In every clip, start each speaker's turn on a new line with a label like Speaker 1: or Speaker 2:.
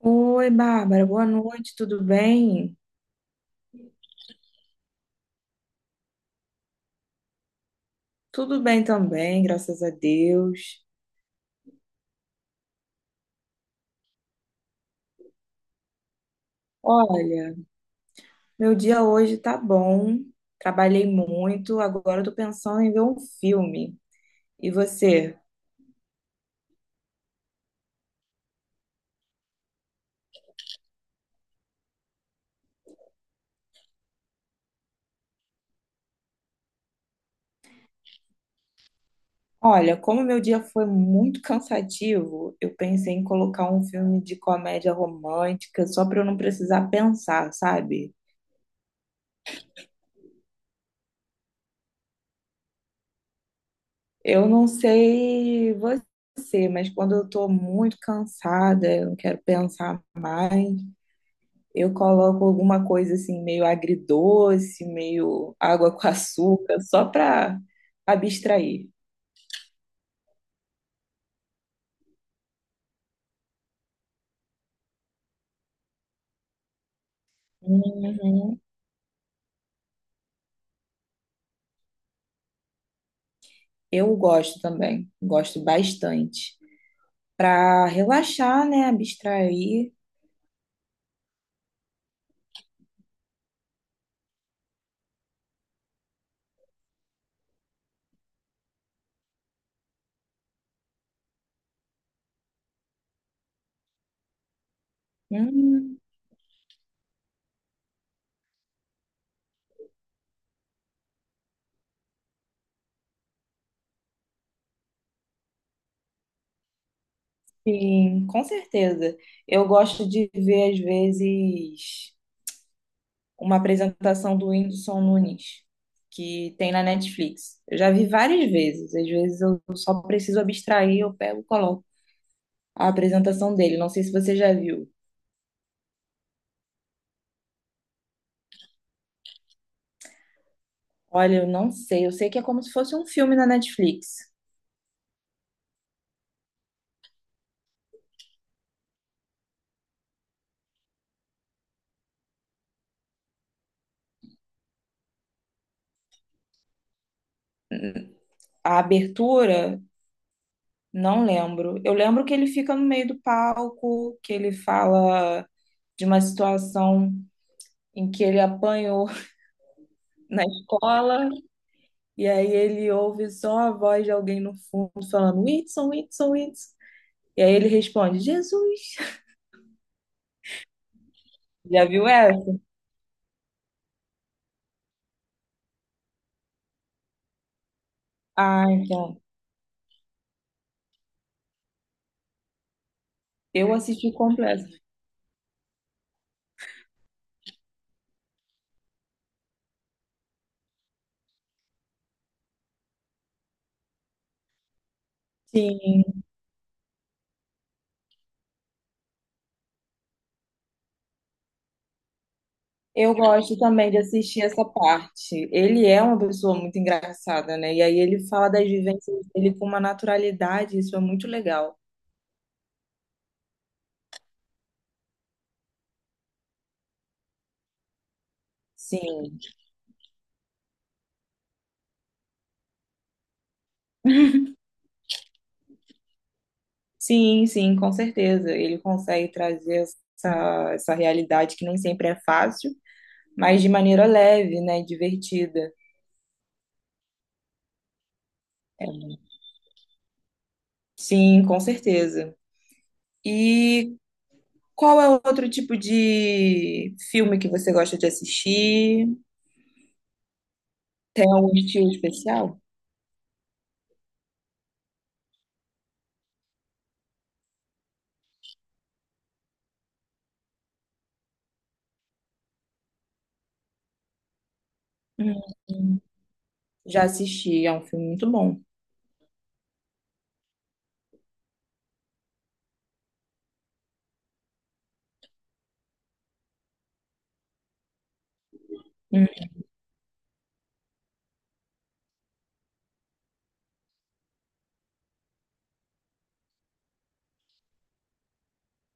Speaker 1: Oi, Bárbara, boa noite, tudo bem? Tudo bem também, graças a Deus. Olha, meu dia hoje tá bom, trabalhei muito, agora eu tô pensando em ver um filme. E você? Olha, como meu dia foi muito cansativo, eu pensei em colocar um filme de comédia romântica só para eu não precisar pensar, sabe? Eu não sei você, mas quando eu tô muito cansada, eu não quero pensar mais. Eu coloco alguma coisa assim, meio agridoce, meio água com açúcar, só para abstrair. Uhum. Eu gosto também, gosto bastante. Para relaxar, né? Abstrair. Hum, sim, com certeza. Eu gosto de ver, às vezes, uma apresentação do Whindersson Nunes, que tem na Netflix. Eu já vi várias vezes, às vezes eu só preciso abstrair, eu pego e coloco a apresentação dele. Não sei se você já viu. Olha, eu não sei, eu sei que é como se fosse um filme na Netflix. A abertura, não lembro. Eu lembro que ele fica no meio do palco, que ele fala de uma situação em que ele apanhou na escola, e aí ele ouve só a voz de alguém no fundo falando: Whitson, Whitson, Whitson. E aí ele responde: Jesus. Já viu essa? Ah, então. Eu assisti completo. Sim, eu gosto também de assistir essa parte. Ele é uma pessoa muito engraçada, né? E aí ele fala das vivências dele com uma naturalidade, isso é muito legal. Sim, sim, sim, com certeza. Ele consegue trazer essa realidade que nem sempre é fácil, mas de maneira leve, né? Divertida. Sim, com certeza. E qual é o outro tipo de filme que você gosta de assistir? É um estilo especial? Hum, já assisti, é um filme muito bom.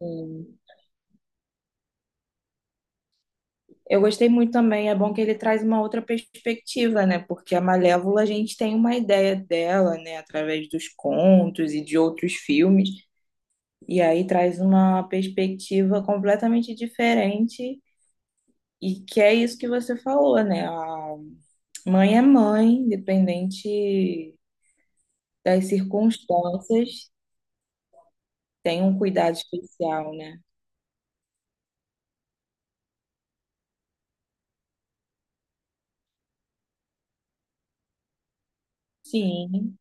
Speaker 1: Hum. Eu gostei muito também, é bom que ele traz uma outra perspectiva, né? Porque a Malévola a gente tem uma ideia dela, né? Através dos contos e de outros filmes. E aí traz uma perspectiva completamente diferente. E que é isso que você falou, né? A mãe é mãe, independente das circunstâncias, tem um cuidado especial, né? Sim,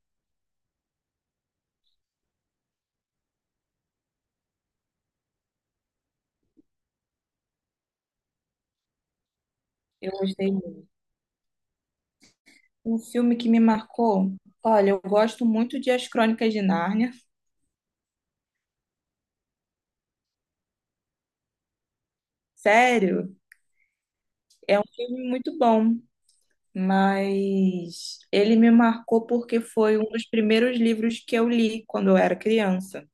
Speaker 1: eu gostei muito. Um filme que me marcou, olha, eu gosto muito de As Crônicas de Nárnia, sério, filme muito bom, mas ele me marcou porque foi um dos primeiros livros que eu li quando eu era criança.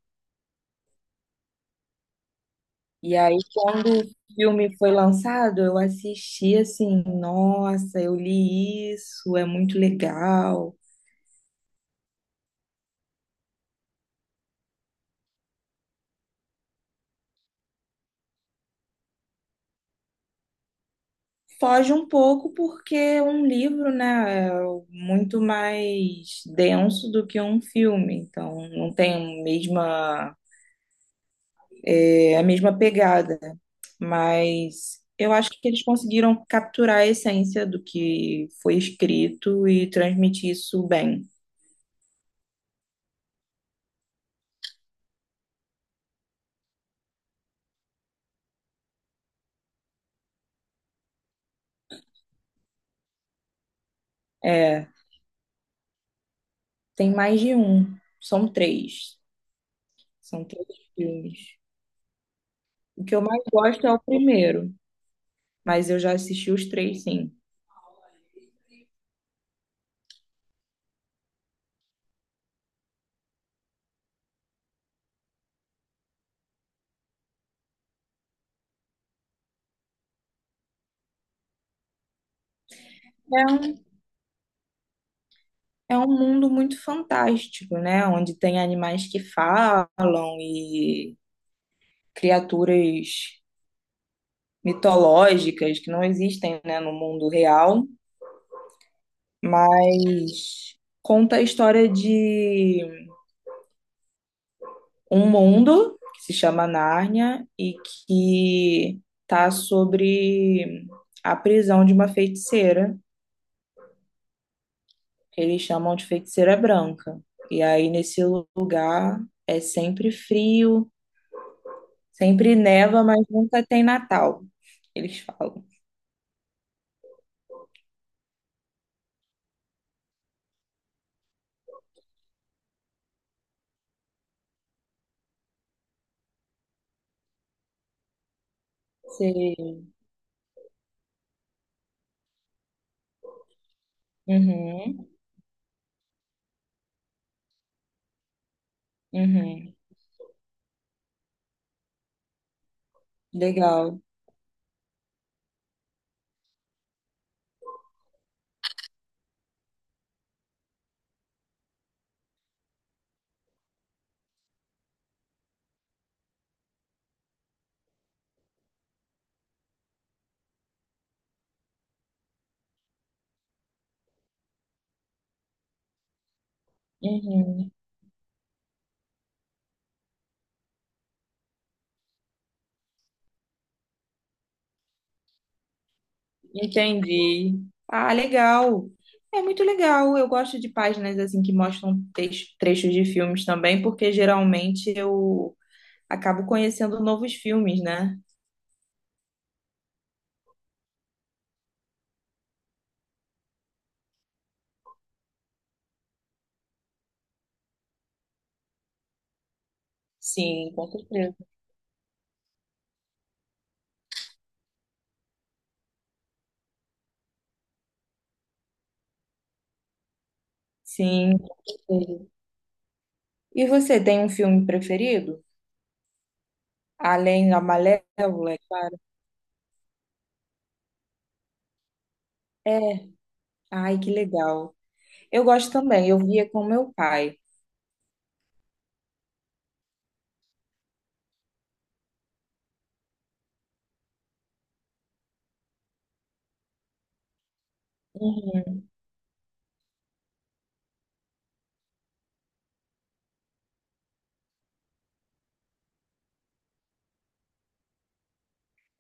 Speaker 1: E aí, quando o filme foi lançado, eu assisti assim, nossa, eu li isso, é muito legal. Foge um pouco porque um livro, né, é muito mais denso do que um filme, então não tem a mesma, é a mesma pegada, mas eu acho que eles conseguiram capturar a essência do que foi escrito e transmitir isso bem. É, tem mais de um, são três filmes. O que eu mais gosto é o primeiro, mas eu já assisti os três, sim. É, é um mundo muito fantástico, né? Onde tem animais que falam e criaturas mitológicas que não existem, né, no mundo real, mas conta a história de um mundo que se chama Nárnia e que tá sobre a prisão de uma feiticeira, que eles chamam de feiticeira branca. E aí nesse lugar é sempre frio. Sempre neva, mas nunca tem Natal, eles falam. Sei. Uhum, uhum. Legal. Uhum. Entendi. Ah, legal. É muito legal. Eu gosto de páginas assim que mostram trechos de filmes também, porque geralmente eu acabo conhecendo novos filmes, né? Sim, com certeza. Sim, com certeza. E você tem um filme preferido? Além da Malévola, é claro. É. Ai, que legal. Eu gosto também, eu via com meu pai. Uhum.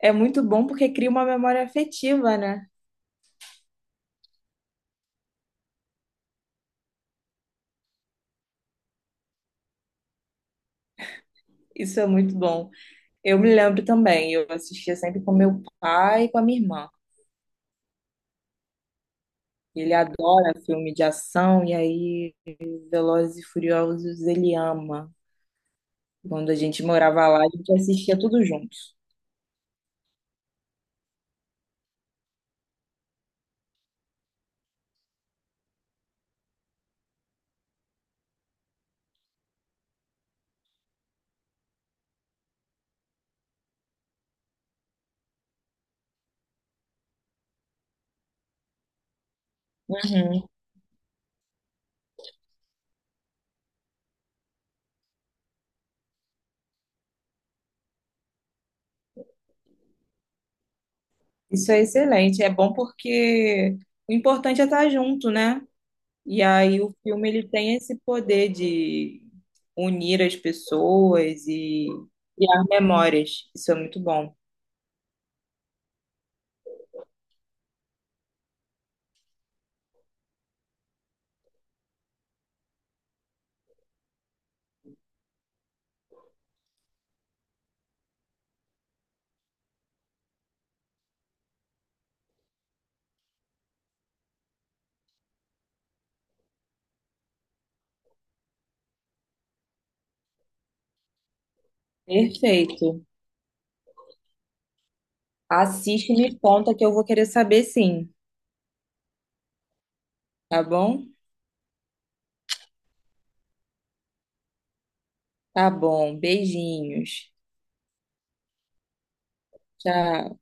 Speaker 1: É muito bom porque cria uma memória afetiva, né? Isso é muito bom. Eu me lembro também, eu assistia sempre com meu pai e com a minha irmã. Ele adora filme de ação e aí Velozes e Furiosos ele ama. Quando a gente morava lá, a gente assistia tudo junto. Uhum. Isso é excelente, é bom porque o importante é estar junto, né? E aí o filme ele tem esse poder de unir as pessoas e criar memórias. Isso é muito bom. Perfeito. Assiste e me conta que eu vou querer saber, sim, tá bom? Tá bom. Beijinhos. Tchau.